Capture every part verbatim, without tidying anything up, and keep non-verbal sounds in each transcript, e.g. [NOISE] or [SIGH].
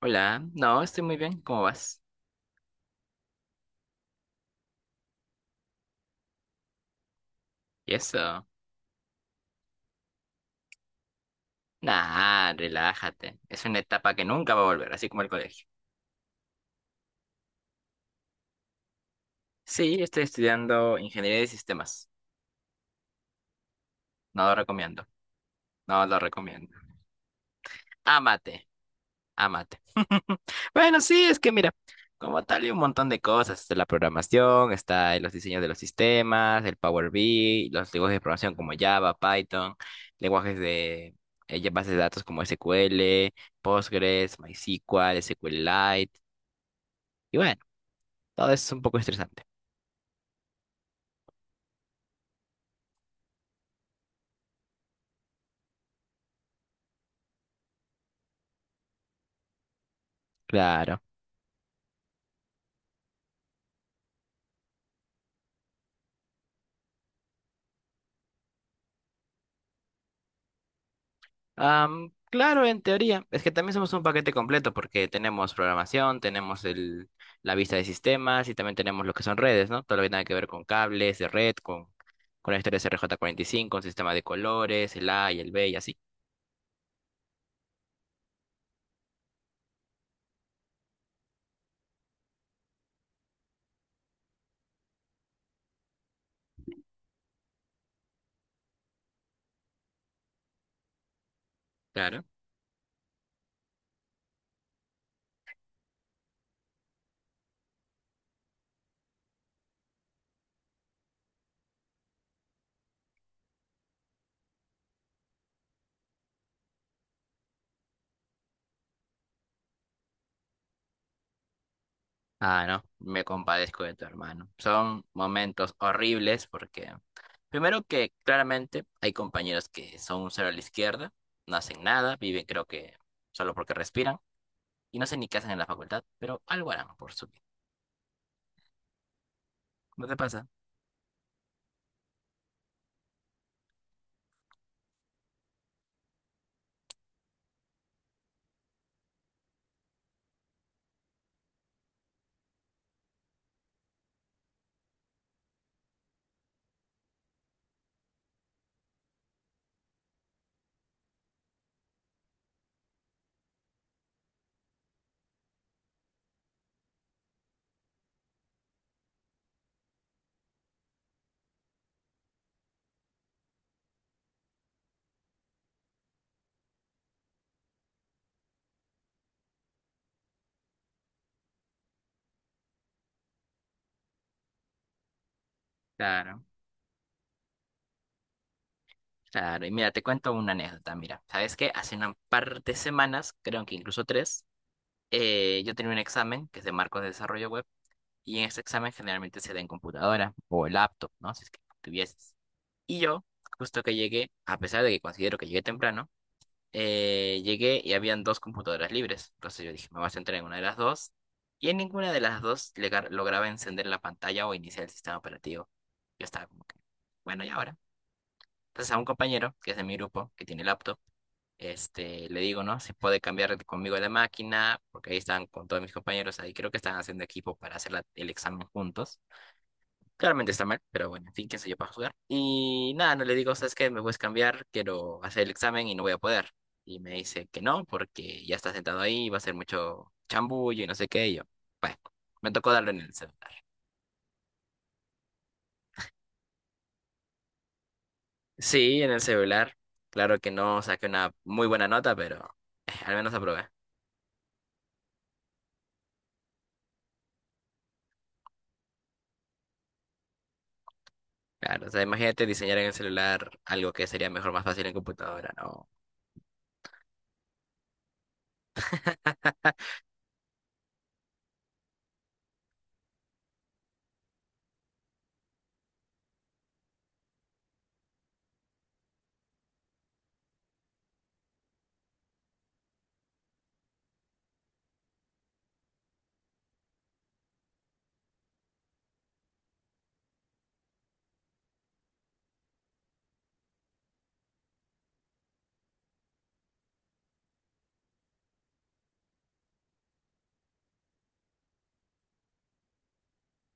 Hola, no, estoy muy bien, ¿cómo vas? ¿Y eso? Nah, relájate, es una etapa que nunca va a volver, así como el colegio. Sí, estoy estudiando ingeniería de sistemas, no lo recomiendo, no lo recomiendo. Ámate, ámate. [LAUGHS] Bueno, sí, es que mira, como tal hay un montón de cosas, está la programación, está los diseños de los sistemas, el Power B I, los lenguajes de programación como Java, Python, lenguajes de eh, ya bases de datos como S Q L, Postgres, MySQL, SQLite. Y bueno, todo es un poco estresante. Claro. Am, claro, en teoría. Es que también somos un paquete completo porque tenemos programación, tenemos el, la vista de sistemas y también tenemos lo que son redes, ¿no? Todo lo que tenga que ver con cables de red, con conectores rj cinco un sistema de colores, el A y el B y así. Claro. Ah, no, me compadezco de tu hermano. Son momentos horribles porque, primero que claramente hay compañeros que son un cero a la izquierda, no hacen nada, viven creo que solo porque respiran. Y no sé ni qué hacen en la facultad, pero algo harán por su bien. ¿No te pasa? Claro. Claro, y mira, te cuento una anécdota. Mira, ¿sabes qué? Hace un par de semanas, creo que incluso tres, eh, yo tenía un examen que es de marcos de desarrollo web y en ese examen generalmente se da en computadora o en laptop, ¿no? Si es que tuvieses. Y yo, justo que llegué, a pesar de que considero que llegué temprano, eh, llegué y habían dos computadoras libres. Entonces yo dije, me voy a centrar en una de las dos. Y en ninguna de las dos legar- lograba encender la pantalla o iniciar el sistema operativo. Yo estaba como que, bueno, ¿y ahora? Entonces a un compañero, que es de mi grupo, que tiene laptop, este, le digo, ¿no? Si puede cambiar conmigo de máquina, porque ahí están con todos mis compañeros, ahí creo que están haciendo equipo para hacer la- el examen juntos. Claramente está mal, pero bueno, en fin, quién soy yo para jugar. Y nada, no le digo, ¿sabes qué? Me puedes cambiar, quiero hacer el examen y no voy a poder. Y me dice que no, porque ya está sentado ahí, va a ser mucho chambullo y no sé qué. Y yo, bueno, me tocó darlo en el celular. Sí, en el celular. Claro que no saqué una muy buena nota, pero eh, al menos aprobé. Claro, o sea, imagínate diseñar en el celular algo que sería mejor, más fácil en computadora, ¿no?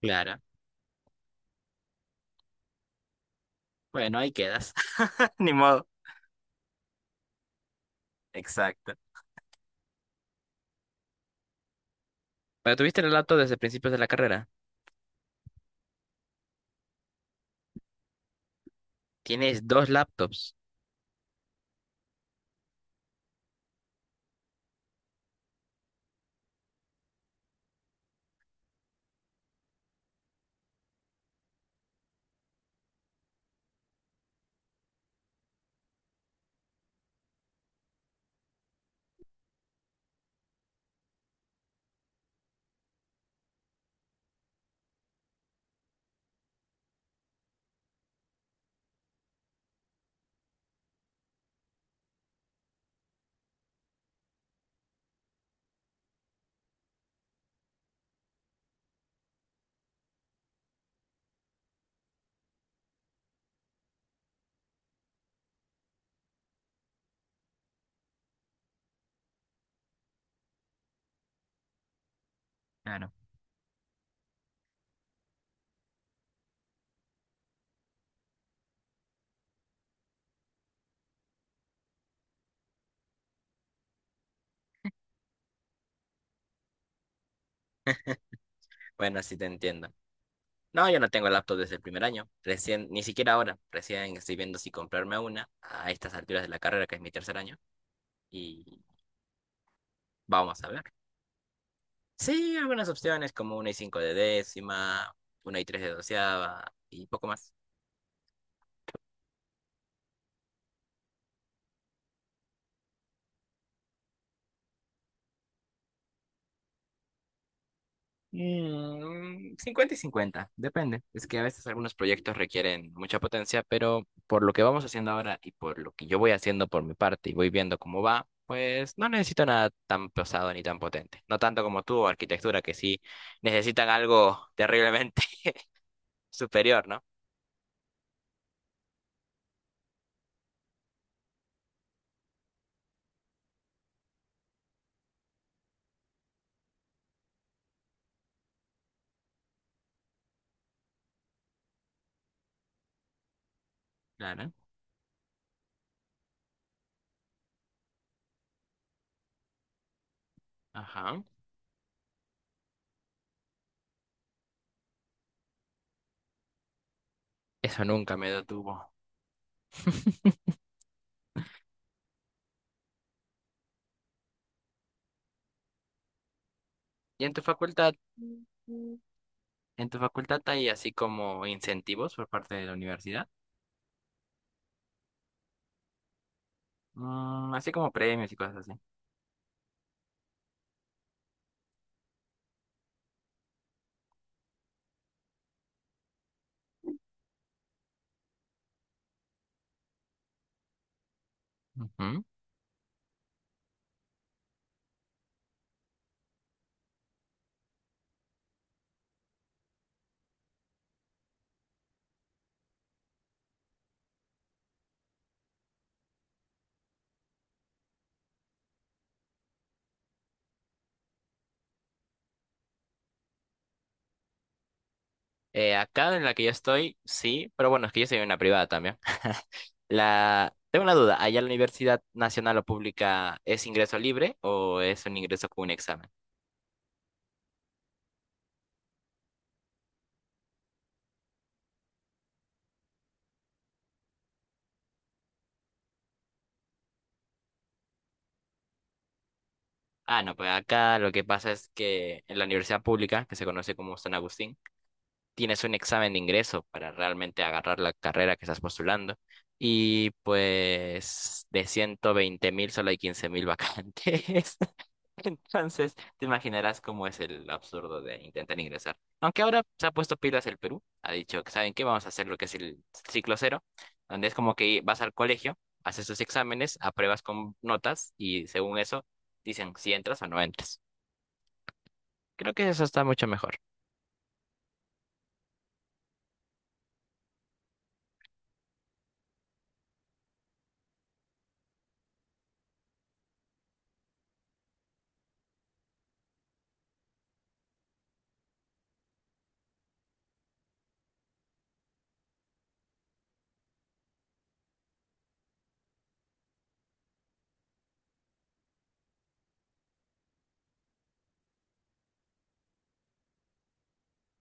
Claro. Bueno, ahí quedas. [LAUGHS] Ni modo. Exacto. Pero tuviste el relato desde principios de la carrera. Tienes dos laptops. Claro. Bueno, sí te entiendo. No, yo no tengo laptop desde el primer año. Recién, ni siquiera ahora. Recién estoy viendo si comprarme una a estas alturas de la carrera, que es mi tercer año. Y vamos a ver. Sí, algunas opciones como una y cinco de décima, una y tres de doceava y poco más. Mm, cincuenta y cincuenta depende. Es que a veces algunos proyectos requieren mucha potencia, pero por lo que vamos haciendo ahora y por lo que yo voy haciendo por mi parte y voy viendo cómo va, pues no necesito nada tan pesado ni tan potente. No tanto como tú, arquitectura, que sí necesitan algo terriblemente [LAUGHS] superior, ¿no? Claro. Ajá. Eso nunca me detuvo. ¿Y en tu facultad? ¿En tu facultad hay así como incentivos por parte de la universidad? Mm, así como premios y cosas así. Ujú. Eh, acá en la que yo estoy, sí, pero bueno, es que yo soy una privada también. [LAUGHS] La... Tengo una duda, ¿allá la Universidad Nacional o Pública es ingreso libre o es un ingreso con un examen? Ah, no, pues acá lo que pasa es que en la universidad pública, que se conoce como San Agustín, tienes un examen de ingreso para realmente agarrar la carrera que estás postulando. Y pues de ciento veinte mil solo hay quince mil vacantes. Entonces, te imaginarás cómo es el absurdo de intentar ingresar. Aunque ahora se ha puesto pilas el Perú, ha dicho que, ¿saben qué? Vamos a hacer lo que es el ciclo cero, donde es como que vas al colegio, haces tus exámenes, apruebas con notas y según eso dicen si entras o no entras. Creo que eso está mucho mejor.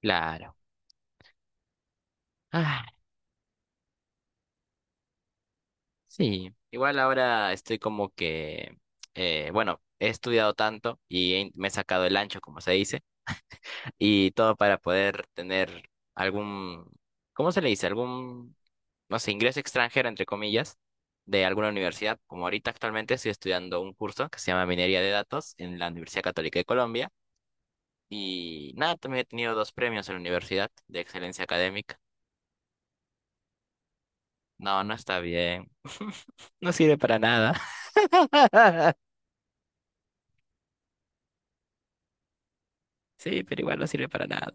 Claro. Ah, sí. Igual ahora estoy como que, eh, bueno, he estudiado tanto y he- me he sacado el ancho, como se dice. Y todo para poder tener algún, ¿cómo se le dice? Algún, no sé, ingreso extranjero, entre comillas, de alguna universidad. Como ahorita actualmente estoy estudiando un curso que se llama Minería de Datos en la Universidad Católica de Colombia. Y nada, también he tenido dos premios en la universidad de excelencia académica. No, no está bien. [LAUGHS] No sirve para nada. [LAUGHS] Sí, pero igual no sirve para nada.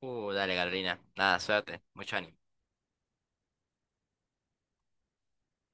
Uh, dale, Carolina. Nada, suerte. Mucho ánimo.